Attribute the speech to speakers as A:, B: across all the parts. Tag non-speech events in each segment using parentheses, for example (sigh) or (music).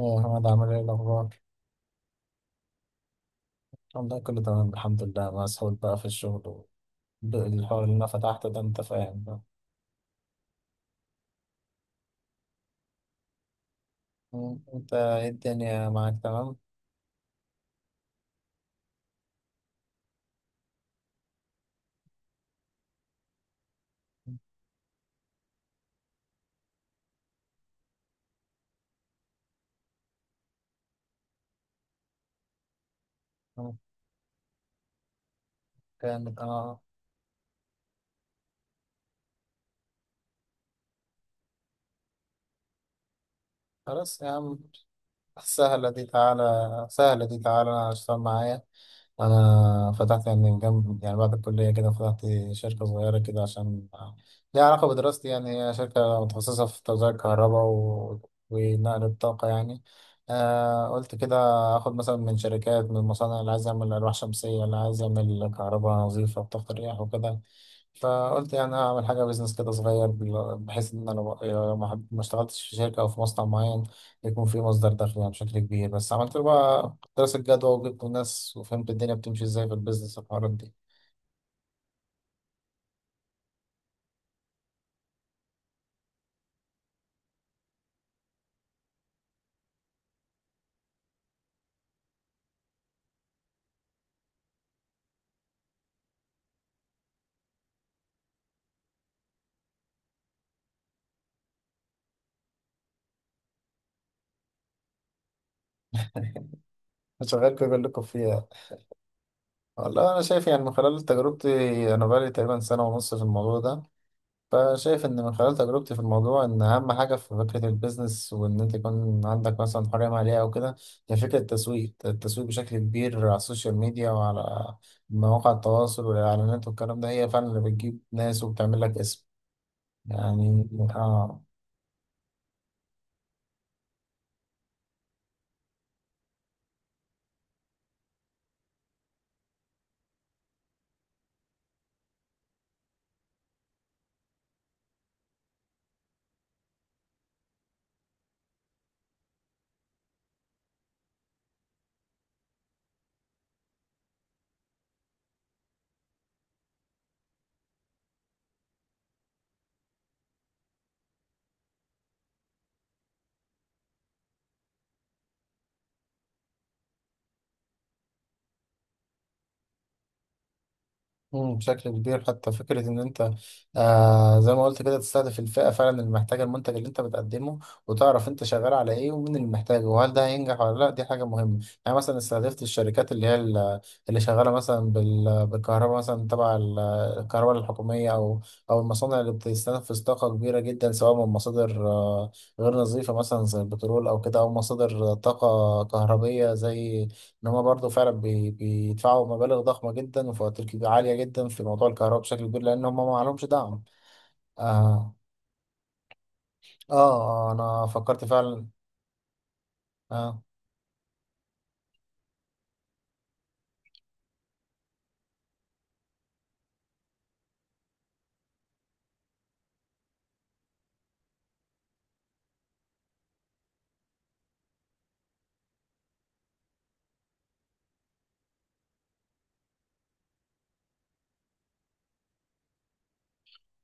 A: يا أحمد عامل إيه الأخبار؟ والله كله تمام الحمد لله مسحول بقى في الشغل الحوار اللي أنا فتحته ده أنت فاهم بقى. أنت إيه الدنيا معاك تمام؟ كانت آه. خلاص يا عم. سهلة دي تعالى. سهلة دي تعالى أنا اشتغل معايا. أنا فتحت يعني من جنب يعني بعد الكلية كده فتحت شركة صغيرة كده عشان ليها علاقة بدراستي، يعني هي شركة متخصصة في توزيع الكهرباء ونقل الطاقة يعني. آه قلت كده. آخد مثلا من شركات، من مصانع اللي عايز يعمل ألواح شمسية، اللي عايز يعمل كهرباء نظيفة بطاقة رياح وكده. فقلت يعني اعمل حاجه بيزنس كده صغير بحيث ان انا يعني لو ما اشتغلتش في شركه او في مصنع معين يكون في مصدر دخل يعني بشكل كبير. بس عملت له بقى دراسه جدوى وجبت ناس وفهمت الدنيا بتمشي ازاي في البيزنس والحوارات دي. (laughs) شغال كلكم فيها. والله انا شايف يعني من خلال تجربتي، انا بقالي تقريبا سنه ونص في الموضوع ده، فشايف إن من خلال تجربتي في الموضوع إن أهم حاجة في فكرة البيزنس وإن أنت يكون عندك مثلا حرية مالية أو كده، هي فكرة التسويق، التسويق بشكل كبير على السوشيال ميديا وعلى مواقع التواصل والإعلانات والكلام ده، هي فعلا اللي بتجيب ناس وبتعمل لك اسم يعني. آه. بشكل كبير. حتى فكرة إن أنت آه زي ما قلت كده تستهدف الفئة فعلا اللي محتاجة المنتج اللي أنت بتقدمه، وتعرف أنت شغال على إيه ومين اللي محتاجه وهل ده هينجح ولا لأ، دي حاجة مهمة. يعني مثلا استهدفت الشركات اللي هي اللي شغالة مثلا بالكهرباء مثلا تبع الكهرباء الحكومية، أو أو المصانع اللي بتستنفذ طاقة كبيرة جدا سواء من مصادر آه غير نظيفة مثلا زي البترول أو كده، أو مصادر طاقة كهربية، زي ان هم برضه فعلا بيدفعوا مبالغ ضخمه جدا وفواتير عاليه جدا في موضوع الكهرباء بشكل كبير لان هم ما عليهمش دعم. آه, اه. انا فكرت فعلا آه.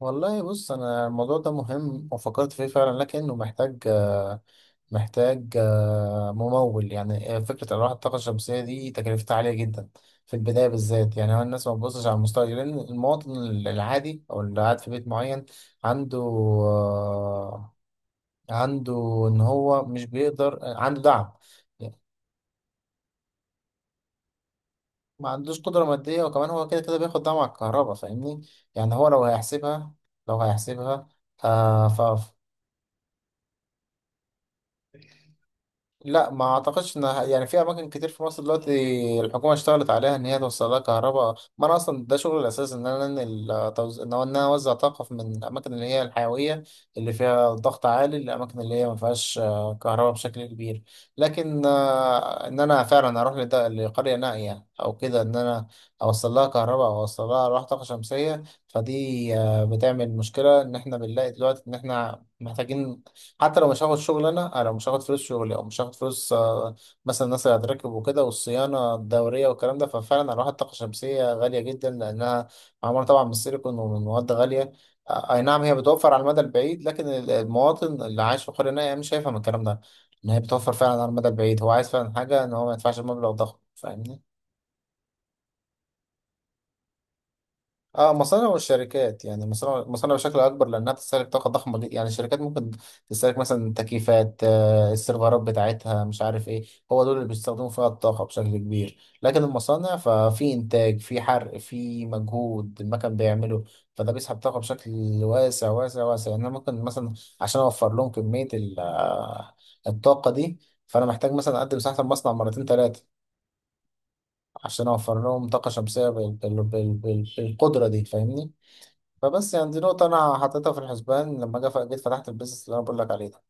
A: والله بص انا الموضوع ده مهم وفكرت فيه فعلا، لكنه محتاج آه، محتاج آه ممول يعني. فكره الواح الطاقه الشمسيه دي تكلفتها عاليه جدا في البدايه بالذات. يعني هو الناس ما بتبصش على المستقبل، لان المواطن العادي او اللي قاعد في بيت معين عنده عنده ان هو مش بيقدر، عنده دعم يعني. ما عندوش قدرة مادية، وكمان هو كده كده بياخد دعم على الكهرباء فاهمني. يعني هو لو هيحسبها، لو هيحسبها آه. لا ما اعتقدش ان يعني في اماكن كتير في مصر دلوقتي الحكومه اشتغلت عليها ان هي توصل لها كهرباء. ما انا اصلا ده شغل الاساس، ان انا انقل ان إن انا اوزع طاقه من الاماكن اللي هي الحيويه، اللي فيها ضغط عالي، للاماكن اللي هي ما فيهاش آه، كهرباء بشكل كبير. لكن آه، ان انا فعلا اروح لقريه نائيه او كده، ان انا اوصل لها كهرباء او اوصل لها أرواح طاقه شمسيه، فدي آه، بتعمل مشكله ان احنا بنلاقي دلوقتي ان احنا محتاجين حتى لو مش هاخد شغل. انا مش هاخد فلوس شغلي، او مش هاخد فلوس آه، مثلا الناس اللي هتركب وكده والصيانه الدوريه والكلام ده. ففعلا هروح الطاقه الشمسيه غاليه جدا لانها معموله طبعا من السيليكون ومن مواد غاليه. اي نعم هي بتوفر على المدى البعيد، لكن المواطن اللي عايش في قريه نائيه يعني مش هيفهم الكلام ده، ان هي بتوفر فعلا على المدى البعيد. هو عايز فعلا حاجه ان هو ما يدفعش مبلغ ضخم فاهمني. اه مصانع والشركات. يعني مصانع، مصانع بشكل اكبر لانها تستهلك طاقه ضخمه جدا. يعني الشركات ممكن تستهلك مثلا تكييفات آه، السيرفرات بتاعتها مش عارف ايه، هو دول اللي بيستخدموا فيها الطاقه بشكل كبير. لكن المصانع ففي انتاج، في حرق، في مجهود المكن بيعمله، فده بيسحب طاقه بشكل واسع واسع واسع. يعني أنا ممكن مثلا عشان اوفر لهم كميه الطاقه دي، فانا محتاج مثلا اقدم مساحه المصنع مرتين ثلاثه عشان اوفر لهم طاقه شمسيه بالقدره دي فاهمني. فبس يعني دي نقطة أنا حطيتها في الحسبان لما جيت فتحت البيزنس اللي أنا بقول لك عليه ده.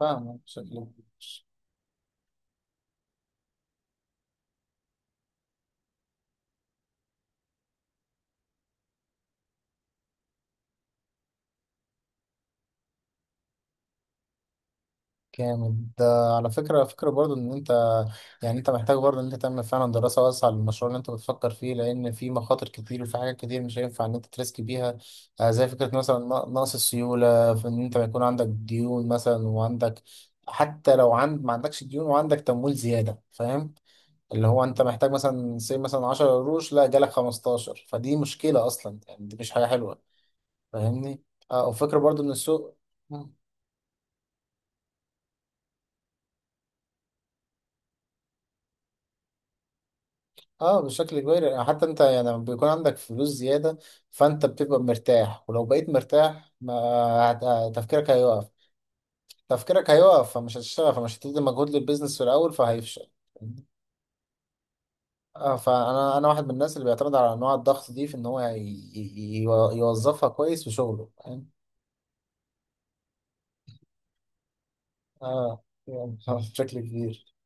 A: فاهم بشكل مش. جامد ده. على فكرة، فكرة برضو إن أنت، يعني أنت محتاج برضو إن أنت تعمل فعلا دراسة واسعة للمشروع اللي أنت بتفكر فيه، لأن في مخاطر كتير وفي حاجات كتير مش هينفع إن أنت تريسك بيها. آه، زي فكرة مثلا نقص السيولة في إن أنت يكون عندك ديون مثلا، وعندك حتى لو عند، ما عندكش ديون وعندك تمويل زيادة فاهم. اللي هو انت محتاج مثلا سي مثلا 10 قروش لا جالك 15، فدي مشكلة اصلا، يعني دي مش حاجة حلوة فاهمني. اه وفكرة برضو ان السوق اه بشكل كبير. يعني حتى انت يعني لما بيكون عندك فلوس زيادة، فانت بتبقى مرتاح، ولو بقيت مرتاح ما تفكيرك هيقف. تفكيرك هيقف فمش هتشتغل، فمش هتدي مجهود للبيزنس في الاول فهيفشل. اه فانا انا واحد من الناس اللي بيعتمد على انواع الضغط دي في ان هو يوظفها كويس في شغله فاهم. اه يعني (laughs) بشكل كبير.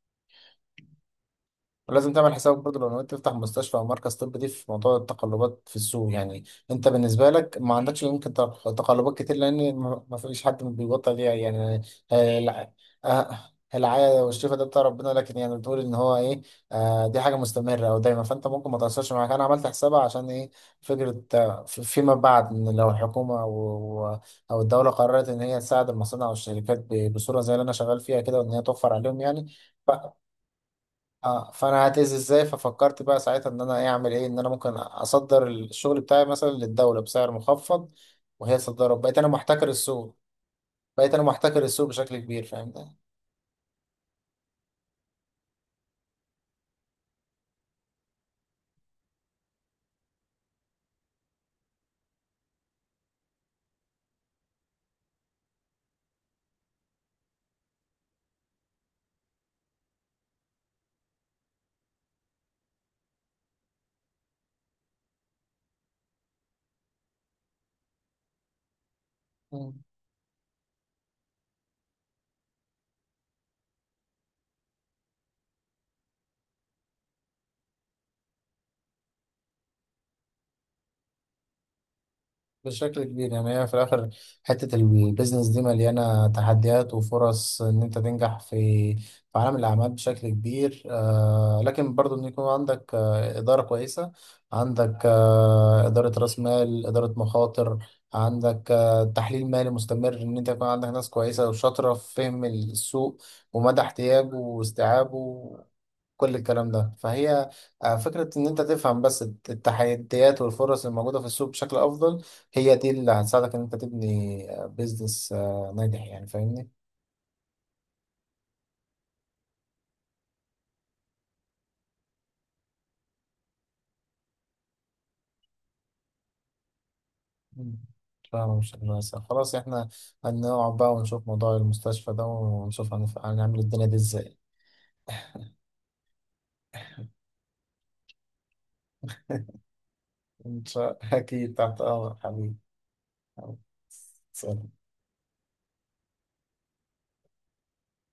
A: ولازم تعمل حسابك برضه لو نويت تفتح مستشفى او مركز طبي، دي في موضوع التقلبات في السوق. يعني انت بالنسبه لك ما عندكش يمكن تقلبات كتير، لان ما فيش حد بيبطل ليها يعني. آه، الع- آه، العيادة والشفاء ده بتاع ربنا، لكن يعني بتقول ان هو ايه، آه دي حاجه مستمره او دايما. فانت ممكن ما تاثرش، معاك انا عملت حسابها عشان ايه. فكره آه، فيما بعد ان لو الحكومه او او الدوله قررت ان هي تساعد المصانع والشركات بصوره زي اللي انا شغال فيها كده، وان هي توفر عليهم يعني. اه فانا هتأذي ازاي. ففكرت بقى ساعتها ان انا ايه اعمل ايه، ان انا ممكن اصدر الشغل بتاعي مثلا للدوله بسعر مخفض وهي تصدره، بقيت انا محتكر السوق. بقيت انا محتكر السوق بشكل كبير فاهم ده. بشكل كبير يعني هي في الآخر، حتة البيزنس دي مليانة تحديات وفرص إن أنت تنجح في في عالم الأعمال بشكل كبير آه. لكن برضو إن يكون عندك آه إدارة كويسة، عندك آه إدارة رأس مال، إدارة مخاطر، عندك آه تحليل مالي مستمر، إن أنت يكون عندك ناس كويسة وشاطرة في فهم السوق ومدى احتياجه واستيعابه، كل الكلام ده فهي آه، فكرة إن أنت تفهم بس التحديات والفرص الموجودة في السوق بشكل أفضل. هي دي اللي هتساعدك إن أنت تبني بيزنس ناجح يعني فاهمني؟ مم. فاهم مش هندسة. خلاص إحنا هنقعد بقى ونشوف موضوع المستشفى ده ونشوف هنعمل الدنيا دي إزاي. إن شاء (laughs) أكيد تحت أمرك حبيبي. حبيبي. سلام.